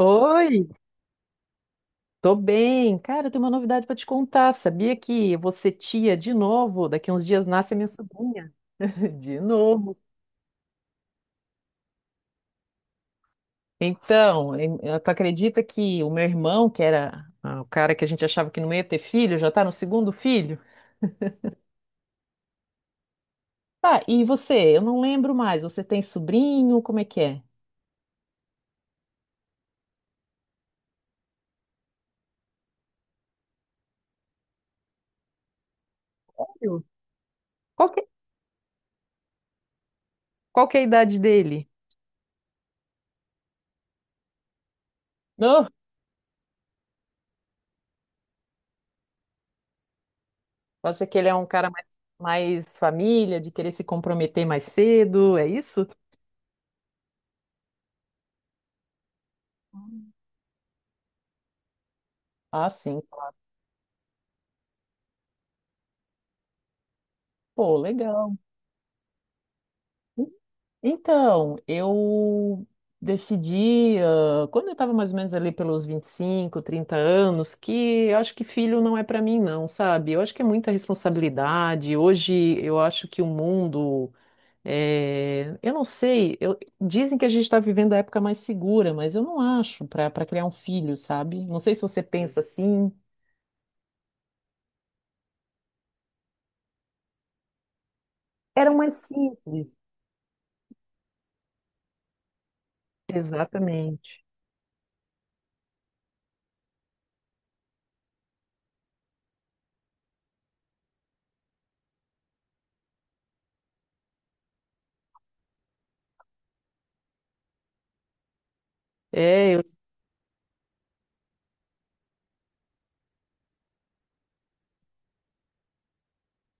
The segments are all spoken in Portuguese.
Oi, tô bem. Cara, eu tenho uma novidade pra te contar. Sabia que você tia de novo? Daqui a uns dias nasce a minha sobrinha. De novo. Então, tu acredita que o meu irmão, que era o cara que a gente achava que não ia ter filho, já tá no segundo filho? Tá, e você? Eu não lembro mais. Você tem sobrinho? Como é que é? Sério? Qual que, qual que é a idade dele? Não? Acha que ele é um cara mais, família, de querer se comprometer mais cedo? É isso? Ah, sim. Pô, legal. Então, eu decidi, quando eu estava mais ou menos ali pelos 25 30 anos, que eu acho que filho não é para mim, não, sabe? Eu acho que é muita responsabilidade. Hoje eu acho que o mundo. Eu não sei, eu- dizem que a gente está vivendo a época mais segura, mas eu não acho para criar um filho, sabe? Não sei se você pensa assim. Era mais simples. Exatamente. É, eu.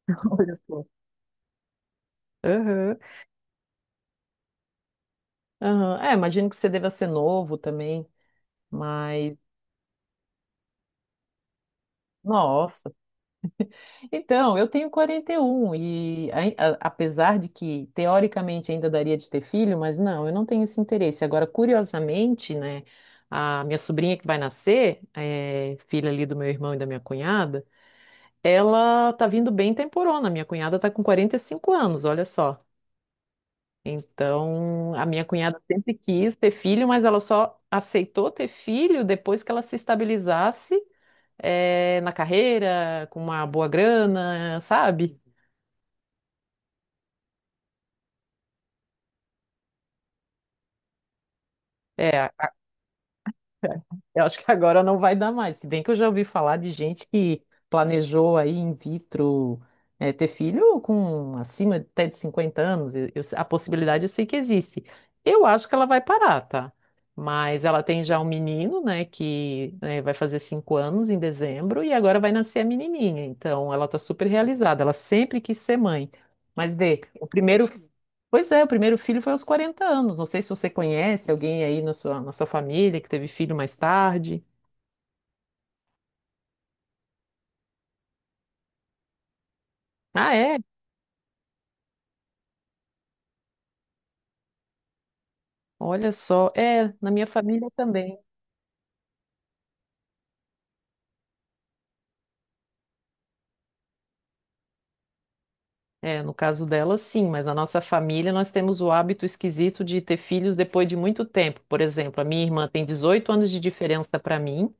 Olha só. Aham. Aham. É, imagino que você deva ser novo também, mas nossa. Então, eu tenho 41 e apesar de que teoricamente ainda daria de ter filho, mas não, eu não tenho esse interesse. Agora, curiosamente, né, a minha sobrinha que vai nascer, filha ali do meu irmão e da minha cunhada, ela tá vindo bem temporona. Minha cunhada tá com 45 anos, olha só. Então, a minha cunhada sempre quis ter filho, mas ela só aceitou ter filho depois que ela se estabilizasse na carreira, com uma boa grana, sabe? É, eu acho que agora não vai dar mais. Se bem que eu já ouvi falar de gente que planejou aí in vitro, ter filho com até de 50 anos. A possibilidade eu sei que existe. Eu acho que ela vai parar, tá? Mas ela tem já um menino, né, que vai fazer 5 anos em dezembro e agora vai nascer a menininha. Então ela tá super realizada. Ela sempre quis ser mãe. Mas vê, o primeiro. Pois é, o primeiro filho foi aos 40 anos. Não sei se você conhece alguém aí na sua família que teve filho mais tarde. Ah, é? Olha só. É, na minha família também. É, no caso dela, sim, mas na nossa família nós temos o hábito esquisito de ter filhos depois de muito tempo. Por exemplo, a minha irmã tem 18 anos de diferença para mim,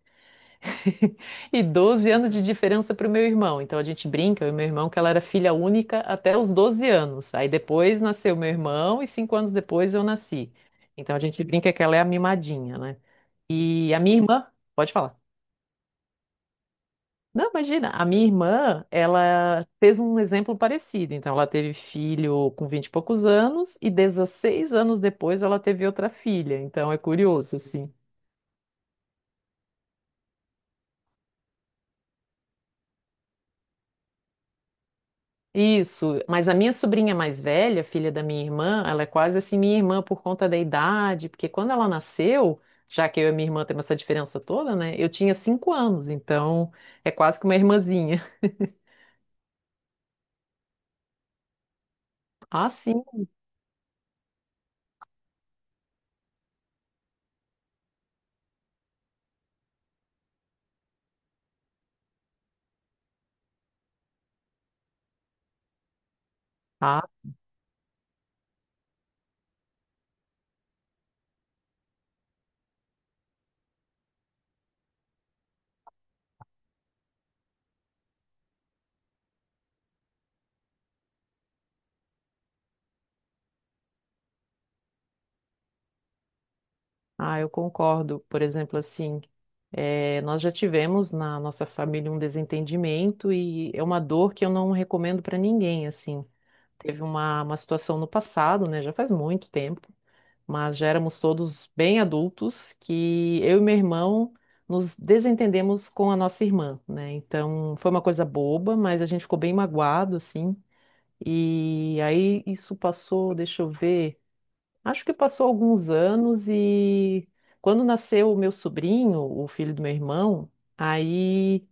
e 12 anos de diferença para o meu irmão. Então a gente brinca, eu e meu irmão, que ela era filha única até os 12 anos. Aí depois nasceu meu irmão e 5 anos depois eu nasci. Então a gente brinca que ela é a mimadinha, né? E a minha irmã, pode falar. Não, imagina, a minha irmã, ela fez um exemplo parecido. Então ela teve filho com 20 e poucos anos e 16 anos depois ela teve outra filha. Então é curioso, assim. Isso, mas a minha sobrinha mais velha, filha da minha irmã, ela é quase assim minha irmã por conta da idade, porque quando ela nasceu, já que eu e minha irmã temos essa diferença toda, né? Eu tinha 5 anos, então é quase que uma irmãzinha. Ah, sim. Ah, ah, eu concordo. Por exemplo, assim, nós já tivemos na nossa família um desentendimento e é uma dor que eu não recomendo para ninguém, assim. Teve uma situação no passado, né? Já faz muito tempo, mas já éramos todos bem adultos, que eu e meu irmão nos desentendemos com a nossa irmã, né? Então foi uma coisa boba, mas a gente ficou bem magoado, assim. E aí isso passou, deixa eu ver, acho que passou alguns anos e quando nasceu o meu sobrinho, o filho do meu irmão, aí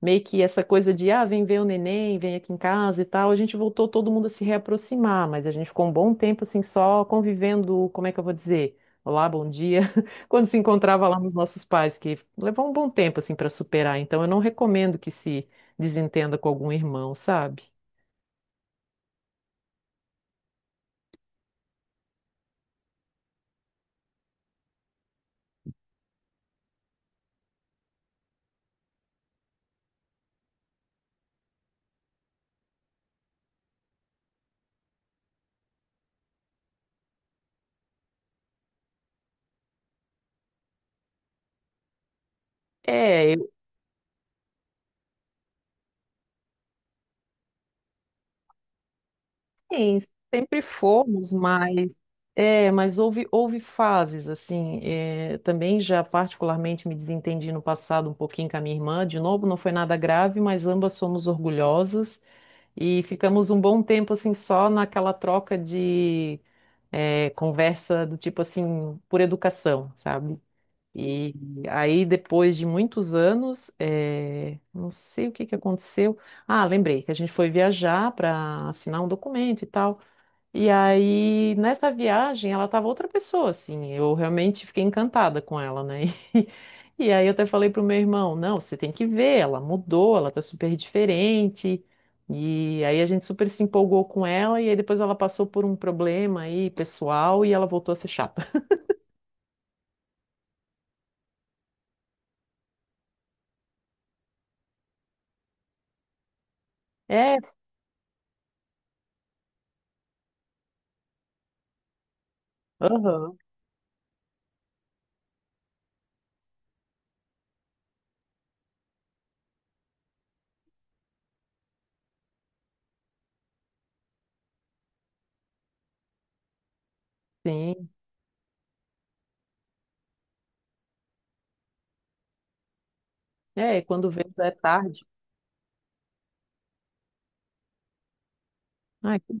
meio que essa coisa de, ah, vem ver o neném, vem aqui em casa e tal, a gente voltou todo mundo a se reaproximar, mas a gente ficou um bom tempo assim só convivendo, como é que eu vou dizer? Olá, bom dia. Quando se encontrava lá nos nossos pais, que levou um bom tempo assim para superar, então eu não recomendo que se desentenda com algum irmão, sabe? É, sim, sempre fomos, mas mas houve fases assim. Também já particularmente me desentendi no passado um pouquinho com a minha irmã. De novo, não foi nada grave, mas ambas somos orgulhosas e ficamos um bom tempo assim só naquela troca de conversa do tipo assim por educação, sabe? E aí depois de muitos anos, não sei o que que aconteceu. Ah, lembrei que a gente foi viajar para assinar um documento e tal. E aí, nessa viagem, ela tava outra pessoa, assim. Eu realmente fiquei encantada com ela, né? E aí eu até falei pro meu irmão, não, você tem que ver, ela mudou, ela tá super diferente. E aí a gente super se empolgou com ela, e aí depois ela passou por um problema aí, pessoal, e ela voltou a ser chata. É, aham, sim. É, quando vê já é tarde. Ai,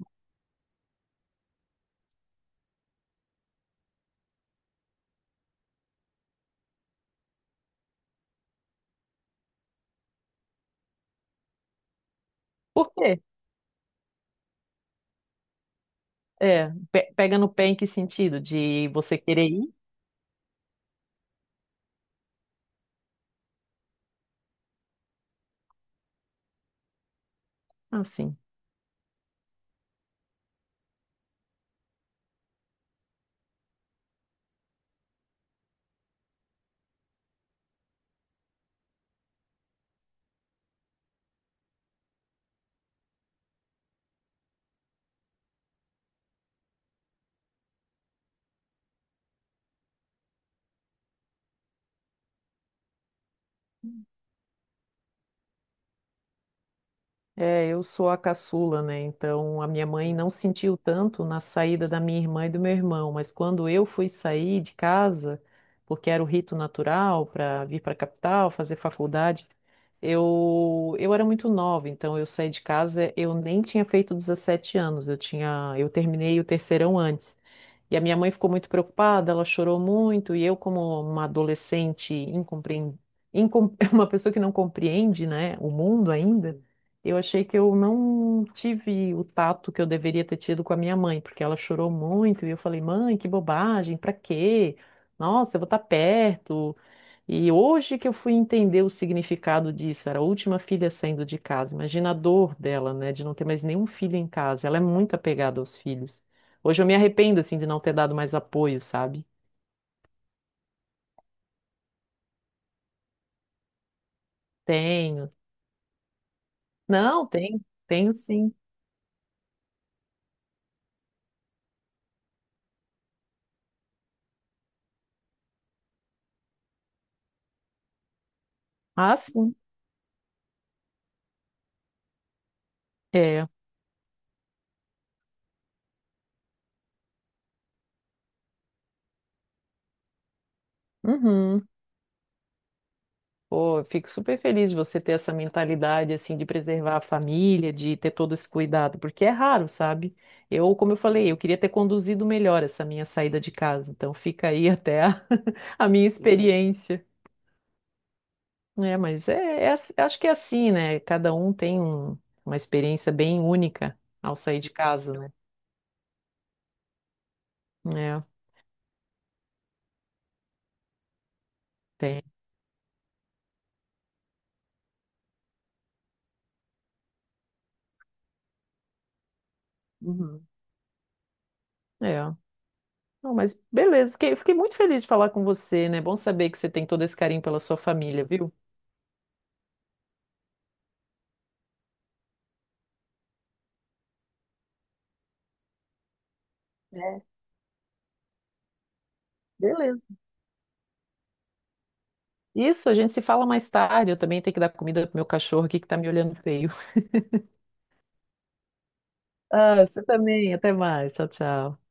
por quê? É, pega no pé em que sentido? De você querer ir? Ah, sim. É, eu sou a caçula, né? Então a minha mãe não sentiu tanto na saída da minha irmã e do meu irmão, mas quando eu fui sair de casa, porque era o rito natural para vir para a capital, fazer faculdade, eu era muito nova, então eu saí de casa, eu nem tinha feito 17 anos, eu terminei o terceirão antes. E a minha mãe ficou muito preocupada, ela chorou muito, e eu, como uma adolescente incompreendida, uma pessoa que não compreende, né, o mundo ainda, eu achei que eu não tive o tato que eu deveria ter tido com a minha mãe, porque ela chorou muito e eu falei, mãe, que bobagem, pra quê? Nossa, eu vou estar perto. E hoje que eu fui entender o significado disso, era a última filha saindo de casa. Imagina a dor dela, né, de não ter mais nenhum filho em casa. Ela é muito apegada aos filhos. Hoje eu me arrependo, assim, de não ter dado mais apoio, sabe? Tenho. Não, tenho. Tenho sim. Ah, sim. É. Uhum. Pô, eu fico super feliz de você ter essa mentalidade, assim, de preservar a família, de ter todo esse cuidado, porque é raro, sabe? Eu, como eu falei, eu queria ter conduzido melhor essa minha saída de casa, então fica aí até a, a minha experiência. É, mas acho que é assim, né? Cada um tem uma experiência bem única ao sair de casa, né? É, tem. Uhum. É. Não, mas beleza, fiquei muito feliz de falar com você, né? Bom saber que você tem todo esse carinho pela sua família, viu? É, beleza. Isso, a gente se fala mais tarde. Eu também tenho que dar comida pro meu cachorro aqui que tá me olhando feio. Ah, você também. Até mais. Tchau, tchau.